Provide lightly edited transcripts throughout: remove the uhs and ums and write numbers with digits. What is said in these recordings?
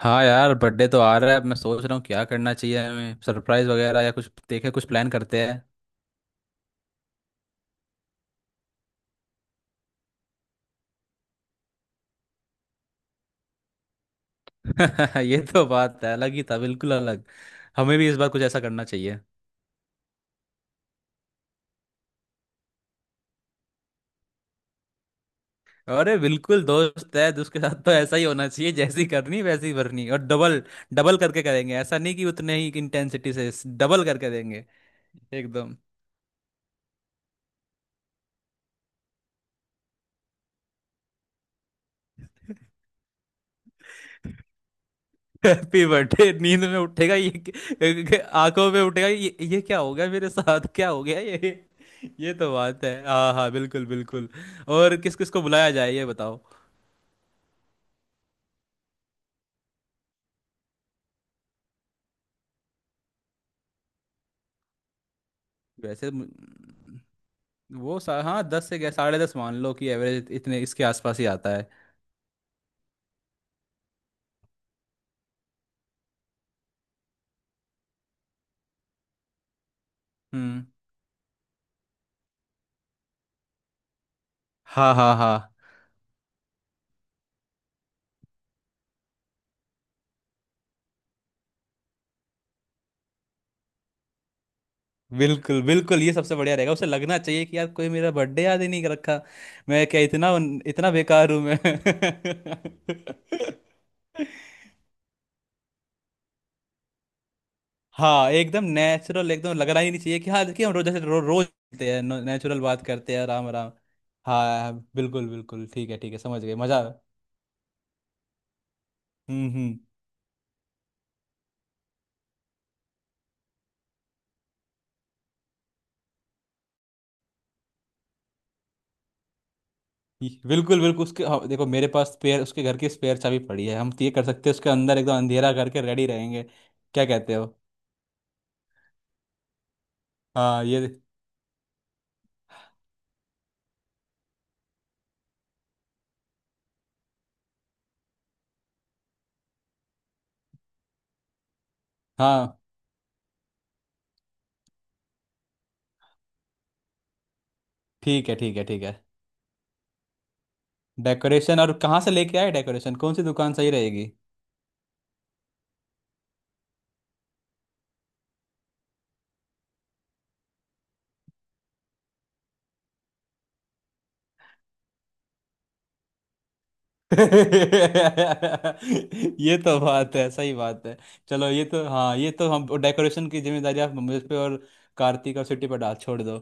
हाँ यार, बर्थडे तो आ रहा है। अब मैं सोच रहा हूँ क्या करना चाहिए हमें, सरप्राइज वगैरह या कुछ। देखे, कुछ प्लान करते हैं। ये तो बात है, अलग ही था, बिल्कुल अलग। हमें भी इस बार कुछ ऐसा करना चाहिए। अरे बिल्कुल, दोस्त है तो उसके साथ तो ऐसा ही होना चाहिए। जैसी करनी वैसी भरनी, और डबल डबल करके करेंगे। ऐसा नहीं कि उतने ही इंटेंसिटी से, डबल करके देंगे एकदम। Happy birthday. नींद में उठेगा ये आंखों में उठेगा, ये क्या हो गया मेरे साथ, क्या हो गया ये। ये तो बात है। हाँ हाँ, बिल्कुल बिल्कुल। और किस किस को बुलाया जाए ये बताओ। वैसे म- हाँ, दस से गया, 10:30 मान लो कि एवरेज, इतने इसके आसपास ही आता है। हम्म। हाँ हाँ हाँ, बिल्कुल बिल्कुल। ये सबसे बढ़िया रहेगा। उसे लगना चाहिए कि यार कोई मेरा बर्थडे याद ही नहीं कर रखा। मैं क्या इतना इतना बेकार हूँ मैं। हाँ एकदम नेचुरल, एकदम लगना ही नहीं चाहिए। कि हाँ देखिए, हम रोज जैसे रोज मिलते हैं, नेचुरल बात करते हैं, राम राम। हाँ हाँ, बिल्कुल बिल्कुल, ठीक है ठीक है, समझ गए मजा। हम्म। बिल्कुल बिल्कुल। उसके, हाँ, देखो मेरे पास स्पेयर, उसके घर की स्पेयर चाबी पड़ी है। हम तो ये कर सकते हैं, उसके अंदर एकदम अंधेरा करके रेडी रहेंगे। क्या कहते हो। हाँ ये, हाँ ठीक है ठीक है ठीक है। डेकोरेशन और कहाँ से लेके आए डेकोरेशन, कौन सी दुकान सही रहेगी। ये तो बात है, सही बात है। चलो, ये तो हाँ, ये तो हम डेकोरेशन की जिम्मेदारी आप मुझ पे और कार्तिक और सिटी पर डाल छोड़ दो।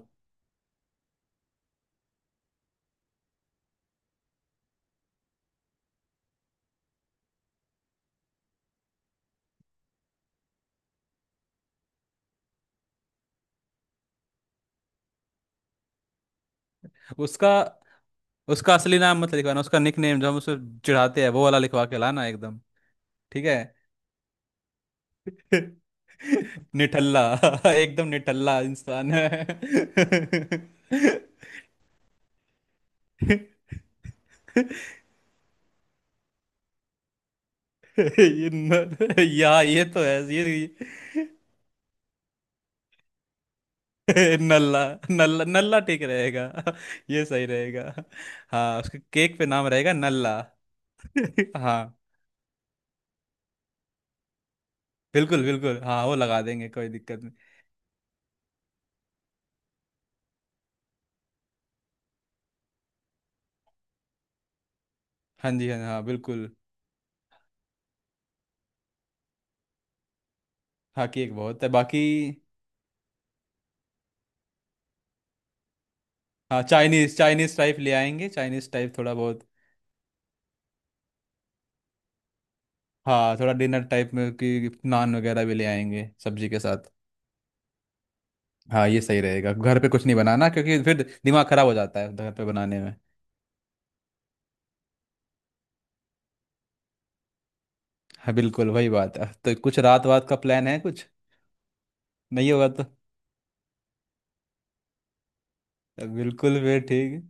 उसका उसका असली नाम मत लिखवाना, उसका निक नेम जो हम उसे चिढ़ाते हैं वो वाला लिखवा के लाना, एकदम। ठीक है। निठल्ला। एकदम निठल्ला इंसान है। ये न, या ये तो है ये। नल्ला। नल्ला नल्ला ठीक रहेगा। ये सही रहेगा। हाँ, उसके केक पे नाम रहेगा नल्ला। हाँ बिल्कुल बिल्कुल, हाँ वो लगा देंगे, कोई दिक्कत नहीं। हाँ जी, हाँ हाँ, बिल्कुल। हाँ, केक बहुत है बाकी। हाँ, चाइनीज चाइनीज टाइप ले आएंगे, चाइनीज टाइप थोड़ा बहुत। हाँ, थोड़ा डिनर टाइप में कि नान वगैरह भी ले आएंगे सब्जी के साथ। हाँ, ये सही रहेगा, घर पे कुछ नहीं बनाना क्योंकि फिर दिमाग खराब हो जाता है घर पे बनाने में। हाँ बिल्कुल, वही बात है। तो कुछ रात वात का प्लान है कुछ? नहीं होगा तो, बिल्कुल वे ठीक।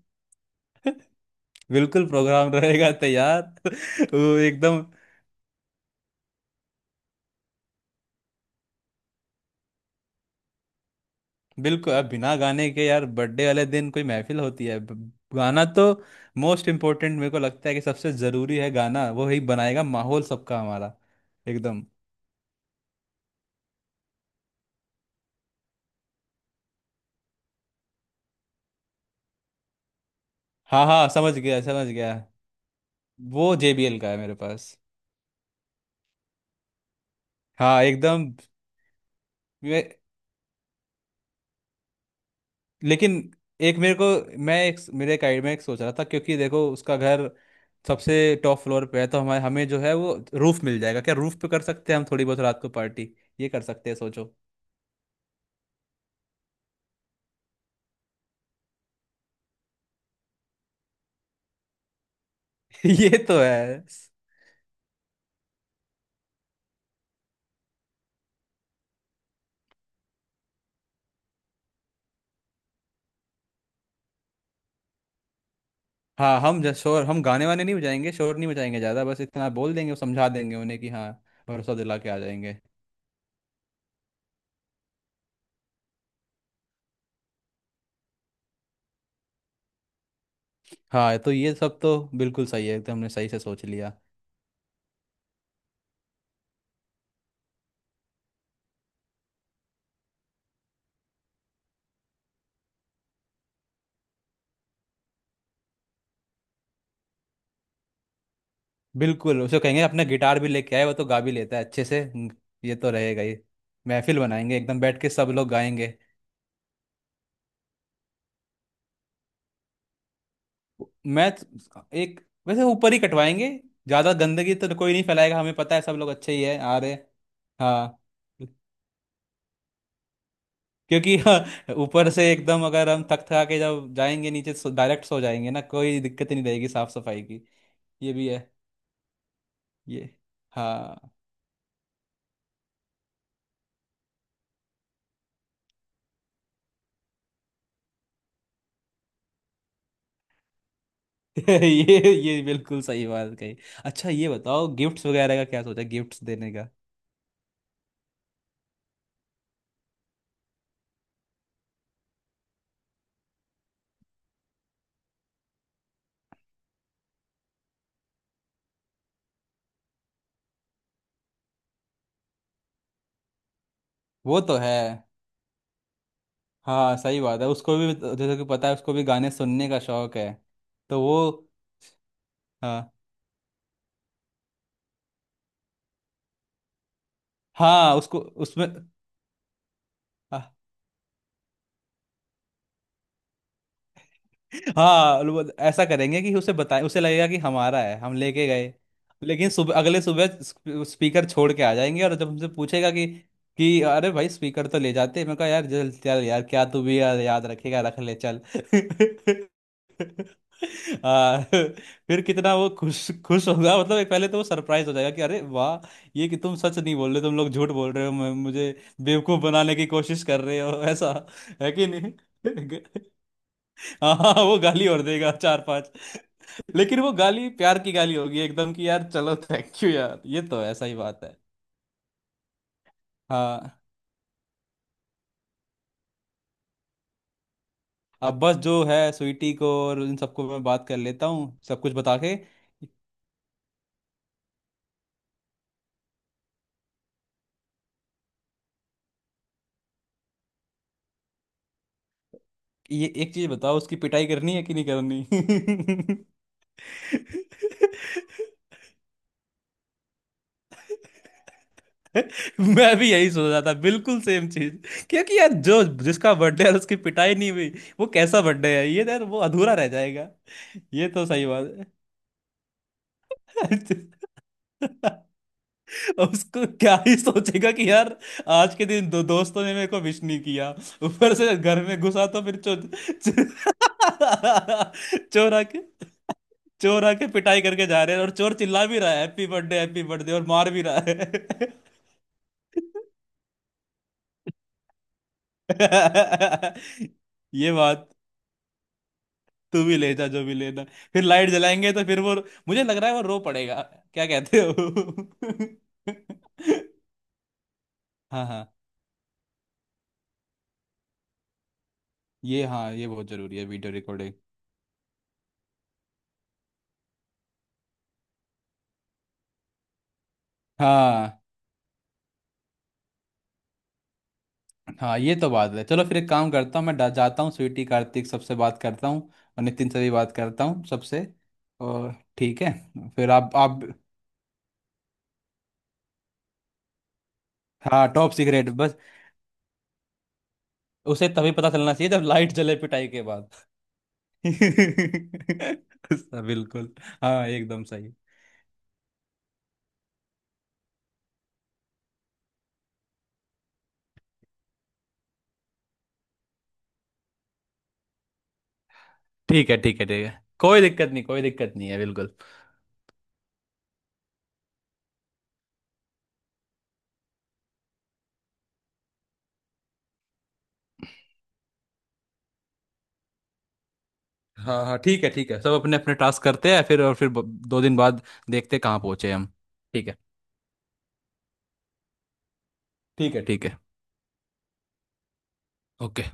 बिल्कुल, प्रोग्राम रहेगा तैयार। वो एकदम बिल्कुल। अब बिना गाने के यार बर्थडे वाले दिन कोई महफिल होती है? गाना तो मोस्ट इम्पोर्टेंट, मेरे को लगता है कि सबसे ज़रूरी है गाना। वो ही बनाएगा माहौल सबका हमारा। एकदम। हाँ हाँ, समझ गया समझ गया। वो JBL का है मेरे पास। हाँ एकदम। लेकिन एक मेरे को, मैं एक, मेरे एक आइडिया में, एक सोच रहा था, क्योंकि देखो उसका घर सबसे टॉप फ्लोर पे है। तो हमारे हमें जो है वो रूफ मिल जाएगा। क्या रूफ पे कर सकते हैं हम थोड़ी बहुत रात को पार्टी? ये कर सकते हैं सोचो। ये तो है। हाँ, हम शोर, हम गाने वाने नहीं बजाएंगे, शोर नहीं बजाएंगे ज़्यादा, बस इतना बोल देंगे, समझा देंगे उन्हें कि हाँ, भरोसा दिला के आ जाएंगे। हाँ, तो ये सब तो बिल्कुल सही है, एकदम हमने सही से सोच लिया। बिल्कुल, उसे कहेंगे अपना गिटार भी लेके आए, वो तो गा भी लेता है अच्छे से। हम्म। ये तो रहेगा ही। महफिल बनाएंगे एकदम, बैठ के सब लोग गाएंगे। मैं तो- एक वैसे ऊपर ही कटवाएंगे। ज़्यादा गंदगी तो कोई नहीं फैलाएगा, हमें पता है सब लोग अच्छे ही है आ रहे। हाँ। क्योंकि हाँ, ऊपर से एकदम, अगर हम थक थका के जब जाएंगे नीचे डायरेक्ट सो जाएंगे ना, कोई दिक्कत ही नहीं रहेगी साफ सफाई की। ये भी है। ये हाँ। ये बिल्कुल सही बात कही। अच्छा ये बताओ, गिफ्ट्स वगैरह का क्या सोचा, गिफ्ट्स देने। वो तो है। हाँ सही बात है, उसको भी तो, जैसे कि पता है उसको भी गाने सुनने का शौक है। तो वो, हाँ हाँ, उसको उसमें। हाँ वो। ऐसा करेंगे कि उसे बताए, उसे लगेगा कि हमारा है, हम लेके गए। लेकिन सुबह, अगले सुबह स्पीकर छोड़ के आ जाएंगे, और जब हमसे पूछेगा कि अरे भाई, स्पीकर तो ले जाते, मैं कहा यार चल चल यार, क्या तू भी यार, याद रखेगा रख ले चल। फिर कितना वो खुश खुश होगा। मतलब एक, पहले तो वो सरप्राइज हो जाएगा कि अरे वाह, ये कि तुम सच नहीं बोल रहे, तुम लोग झूठ बोल रहे हो, मुझे बेवकूफ बनाने की कोशिश कर रहे हो, ऐसा है कि नहीं। हाँ हाँ, वो गाली और देगा चार पांच। लेकिन वो गाली प्यार की गाली होगी एकदम, कि यार चलो, थैंक यू यार, ये तो ऐसा ही बात है। हाँ। अब बस जो है, स्वीटी को और इन सबको मैं बात कर लेता हूँ सब कुछ बता के। ये एक चीज बताओ, उसकी पिटाई करनी है कि नहीं करनी? मैं भी यही सोच रहा था, बिल्कुल सेम चीज। क्योंकि यार जो, जिसका बर्थडे है उसकी पिटाई नहीं हुई, वो कैसा बर्थडे है? ये तो यार वो अधूरा रह जाएगा। ये तो सही बात। अब उसको क्या ही सोचेगा कि यार, आज के दिन दो दोस्तों ने मेरे को विश नहीं किया, ऊपर से घर में घुसा तो फिर चो, चो, चोर आके, चोर आके पिटाई करके जा रहे हैं, और चोर चिल्ला भी रहा है, हैप्पी बर्थडे, हैप्पी बर्थडे, और मार भी रहा है। ये बात। तू भी ले जा जो भी लेना। फिर लाइट जलाएंगे तो फिर वो, मुझे लग रहा है वो रो पड़ेगा। क्या कहते हो। हाँ ये, हाँ ये बहुत जरूरी है, वीडियो रिकॉर्डिंग। हाँ हाँ, ये तो बात है। चलो फिर एक काम करता हूँ, मैं जाता हूँ, स्वीटी कार्तिक सबसे बात करता हूँ, और नितिन से भी बात करता हूँ सबसे। और ठीक है। फिर आप। हाँ टॉप सीक्रेट बस, उसे तभी पता चलना चाहिए जब लाइट जले, पिटाई के बाद। बिल्कुल। हाँ एकदम सही। ठीक है ठीक है ठीक है। कोई दिक्कत नहीं, कोई दिक्कत नहीं है बिल्कुल। हाँ हाँ, ठीक है ठीक है। सब अपने अपने टास्क करते हैं फिर, और फिर 2 दिन बाद देखते हैं कहाँ पहुंचे हम। ठीक है ठीक है ठीक है। ओके।